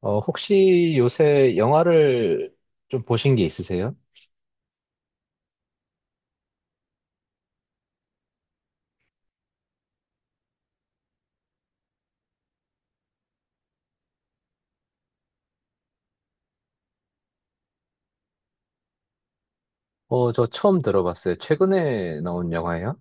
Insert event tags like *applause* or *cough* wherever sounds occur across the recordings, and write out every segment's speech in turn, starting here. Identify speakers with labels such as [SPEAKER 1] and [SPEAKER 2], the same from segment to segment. [SPEAKER 1] 어, 혹시 요새 영화를 좀 보신 게 있으세요? 어, 저 처음 들어봤어요. 최근에 나온 영화예요?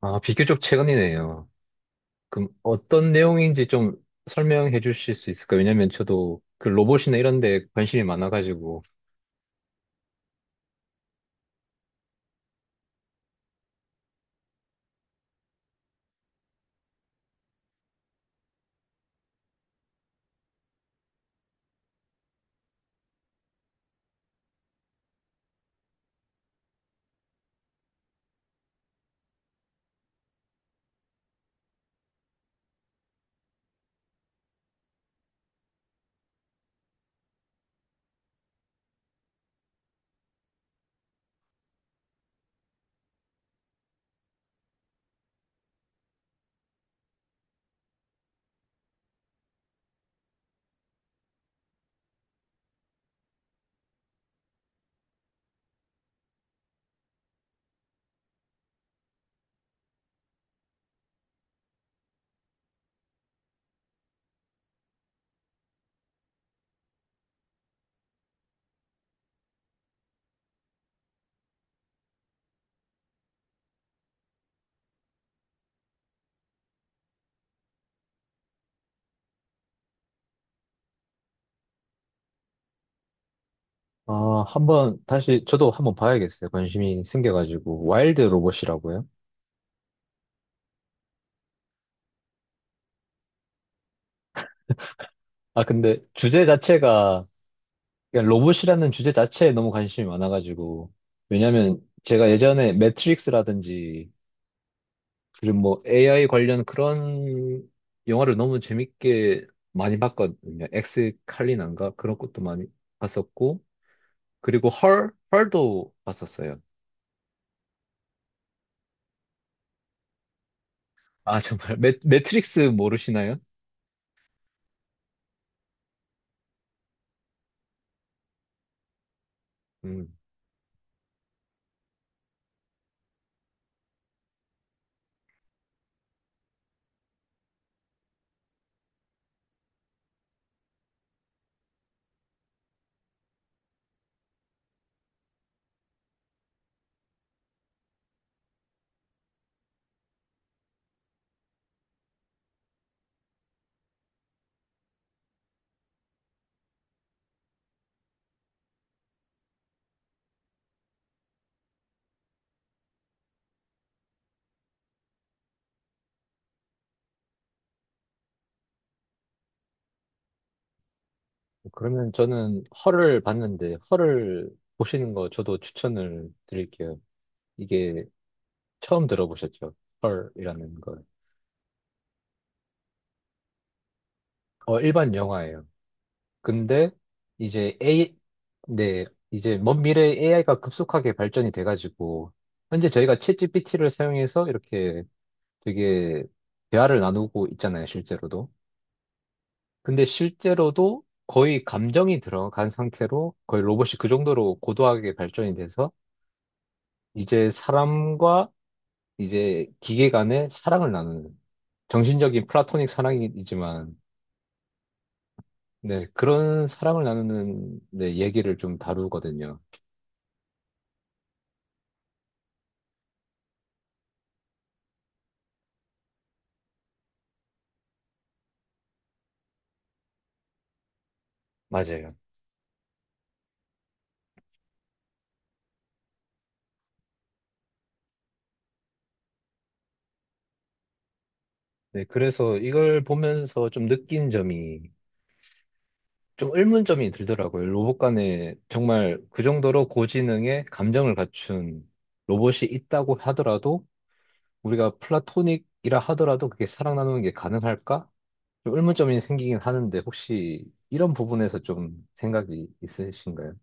[SPEAKER 1] 아, 비교적 최근이네요. 그럼 어떤 내용인지 좀 설명해 주실 수 있을까요? 왜냐면 저도 그 로봇이나 이런 데 관심이 많아가지고, 아, 한번 다시, 저도 한번 봐야겠어요. 관심이 생겨가지고. 와일드 로봇이라고요? 아, 근데 주제 자체가, 그러니까 로봇이라는 주제 자체에 너무 관심이 많아가지고, 왜냐면 제가 예전에 매트릭스라든지 그리고 뭐 AI 관련 그런 영화를 너무 재밌게 많이 봤거든요. 엑스 칼리난가 그런 것도 많이 봤었고 그리고 헐 헐도 봤었어요. 아, 정말 매트릭스 모르시나요? 음 그러면 저는 헐을 봤는데 헐을 보시는 거 저도 추천을 드릴게요. 이게 처음 들어보셨죠? 헐이라는 걸. 어, 일반 영화예요. 근데 이제 네, 이제 먼 미래에 AI가 급속하게 발전이 돼가지고 현재 저희가 챗GPT를 사용해서 이렇게 되게 대화를 나누고 있잖아요, 실제로도. 근데 실제로도 거의 감정이 들어간 상태로 거의 로봇이 그 정도로 고도하게 발전이 돼서 이제 사람과 이제 기계 간의 사랑을 나누는 정신적인 플라토닉 사랑이지만, 네, 그런 사랑을 나누는, 네, 얘기를 좀 다루거든요. 맞아요. 네, 그래서 이걸 보면서 좀 느낀 점이, 좀 의문점이 들더라고요. 로봇 간에 정말 그 정도로 고지능의 감정을 갖춘 로봇이 있다고 하더라도, 우리가 플라토닉이라 하더라도 그게 사랑 나누는 게 가능할까? 좀 의문점이 생기긴 하는데, 혹시 이런 부분에서 좀 생각이 있으신가요?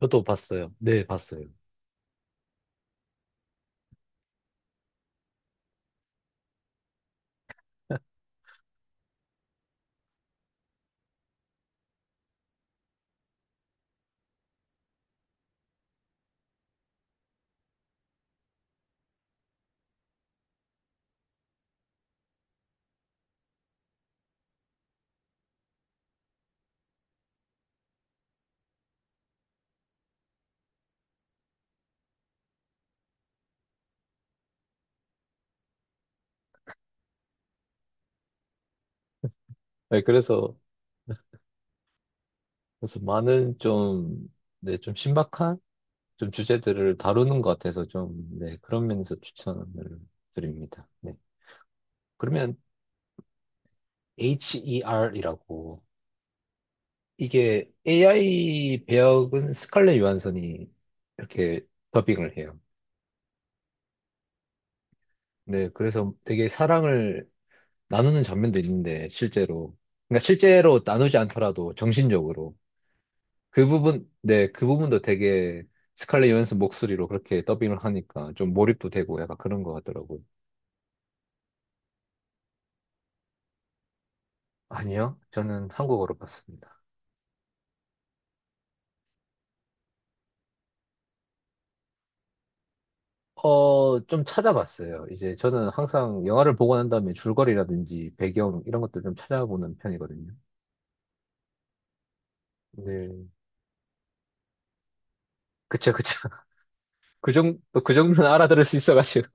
[SPEAKER 1] 저도 봤어요. 네, 봤어요. 네, 그래서, 많은 좀, 네, 좀 신박한 좀 주제들을 다루는 것 같아서 좀, 네, 그런 면에서 추천을 드립니다. 네. 그러면 HER이라고, 이게 AI 배역은 스칼렛 요한슨이 이렇게 더빙을 해요. 네, 그래서 되게 사랑을 나누는 장면도 있는데 실제로, 그러니까 실제로 나누지 않더라도 정신적으로 그 부분, 네, 그 부분도 되게 스칼렛 요한슨 목소리로 그렇게 더빙을 하니까 좀 몰입도 되고 약간 그런 것 같더라고요. 아니요, 저는 한국어로 봤습니다. 어, 좀 찾아봤어요. 이제 저는 항상 영화를 보고 난 다음에 줄거리라든지 배경 이런 것들 좀 찾아보는 편이거든요. 네. 그쵸, 그쵸. *laughs* 그 정도, 그 정도는 알아들을 수 있어가지고.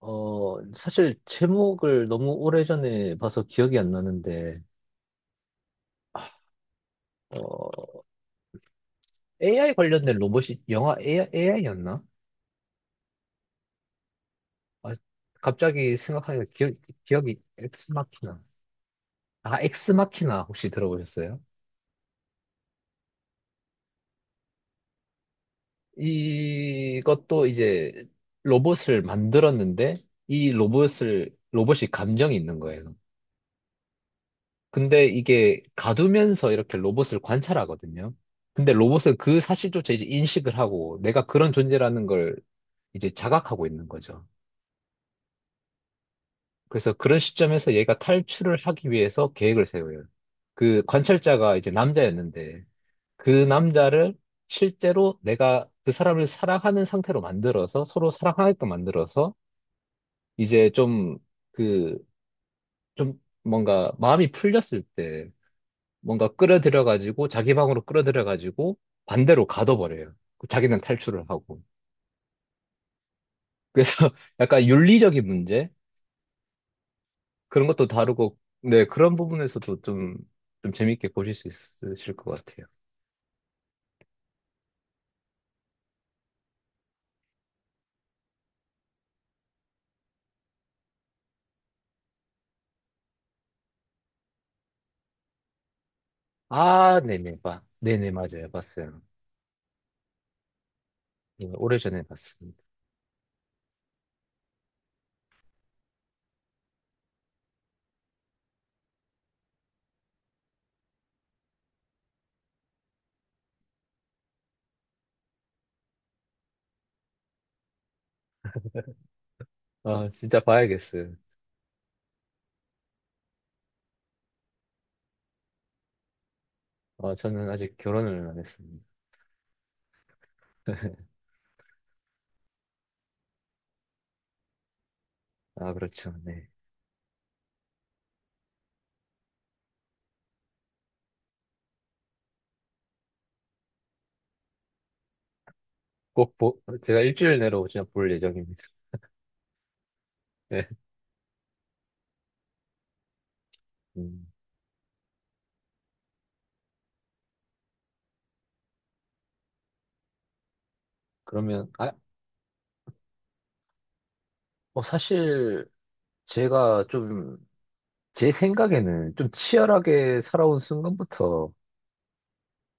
[SPEAKER 1] 어, 사실 제목을 너무 오래전에 봐서 기억이 안 나는데, 어, AI 관련된 로봇이 영화 AI, AI였나? 아, 갑자기 생각하니까 기억이 엑스마키나. 아, 엑스마키나 혹시 들어보셨어요? 이것도 이제 로봇을 만들었는데 이 로봇을 로봇이 감정이 있는 거예요. 근데 이게 가두면서 이렇게 로봇을 관찰하거든요. 근데 로봇은 그 사실조차 이제 인식을 하고 내가 그런 존재라는 걸 이제 자각하고 있는 거죠. 그래서 그런 시점에서 얘가 탈출을 하기 위해서 계획을 세워요. 그 관찰자가 이제 남자였는데 그 남자를 실제로 내가 그 사람을 사랑하는 상태로 만들어서 서로 사랑하게끔 만들어서 이제 좀 그, 좀 뭔가 마음이 풀렸을 때 뭔가 끌어들여가지고 자기 방으로 끌어들여가지고 반대로 가둬버려요. 그 자기는 탈출을 하고. 그래서 *laughs* 약간 윤리적인 문제? 그런 것도 다루고, 네, 그런 부분에서도 좀, 재밌게 보실 수 있으실 것 같아요. 아, 네네, 봐. 네네, 맞아요. 봤어요. 네, 오래전에 봤습니다. 아, 진짜 봐야겠어요. 아, 저는 아직 결혼을 안 했습니다. *laughs* 아, 그렇죠. 네. 제가 일주일 내로 진짜 볼 예정입니다. *laughs* 네. 음, 그러면, 아, 어, 사실 제가 좀, 제 생각에는 좀 치열하게 살아온 순간부터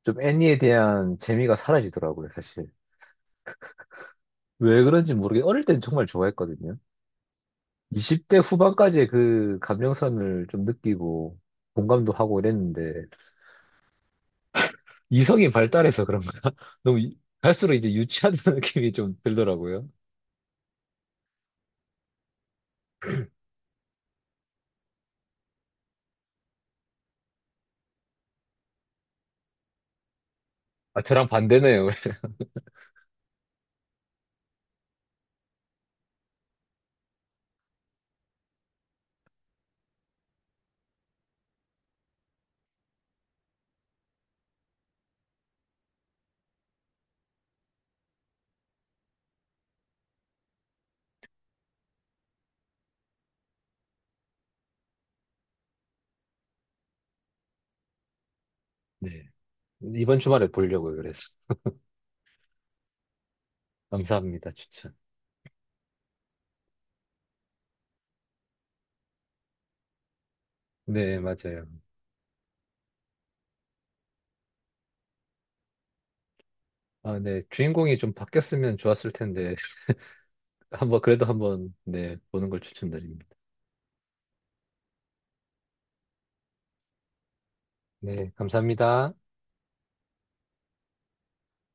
[SPEAKER 1] 좀 애니에 대한 재미가 사라지더라고요, 사실. 왜 그런지 모르게 어릴 땐 정말 좋아했거든요. 20대 후반까지의 그 감정선을 좀 느끼고 공감도 하고 이랬는데 이성이 발달해서 그런가? *laughs* 너무 갈수록 이제 유치한 *laughs* 느낌이 좀 들더라고요. 아, 저랑 반대네요. *laughs* 네. 이번 주말에 보려고요, 그래서. 감사합니다, 추천. 네, 맞아요. 아, 네. 주인공이 좀 바뀌었으면 좋았을 텐데, *laughs* 한번, 그래도 한번, 네, 보는 걸 추천드립니다. 네, 감사합니다.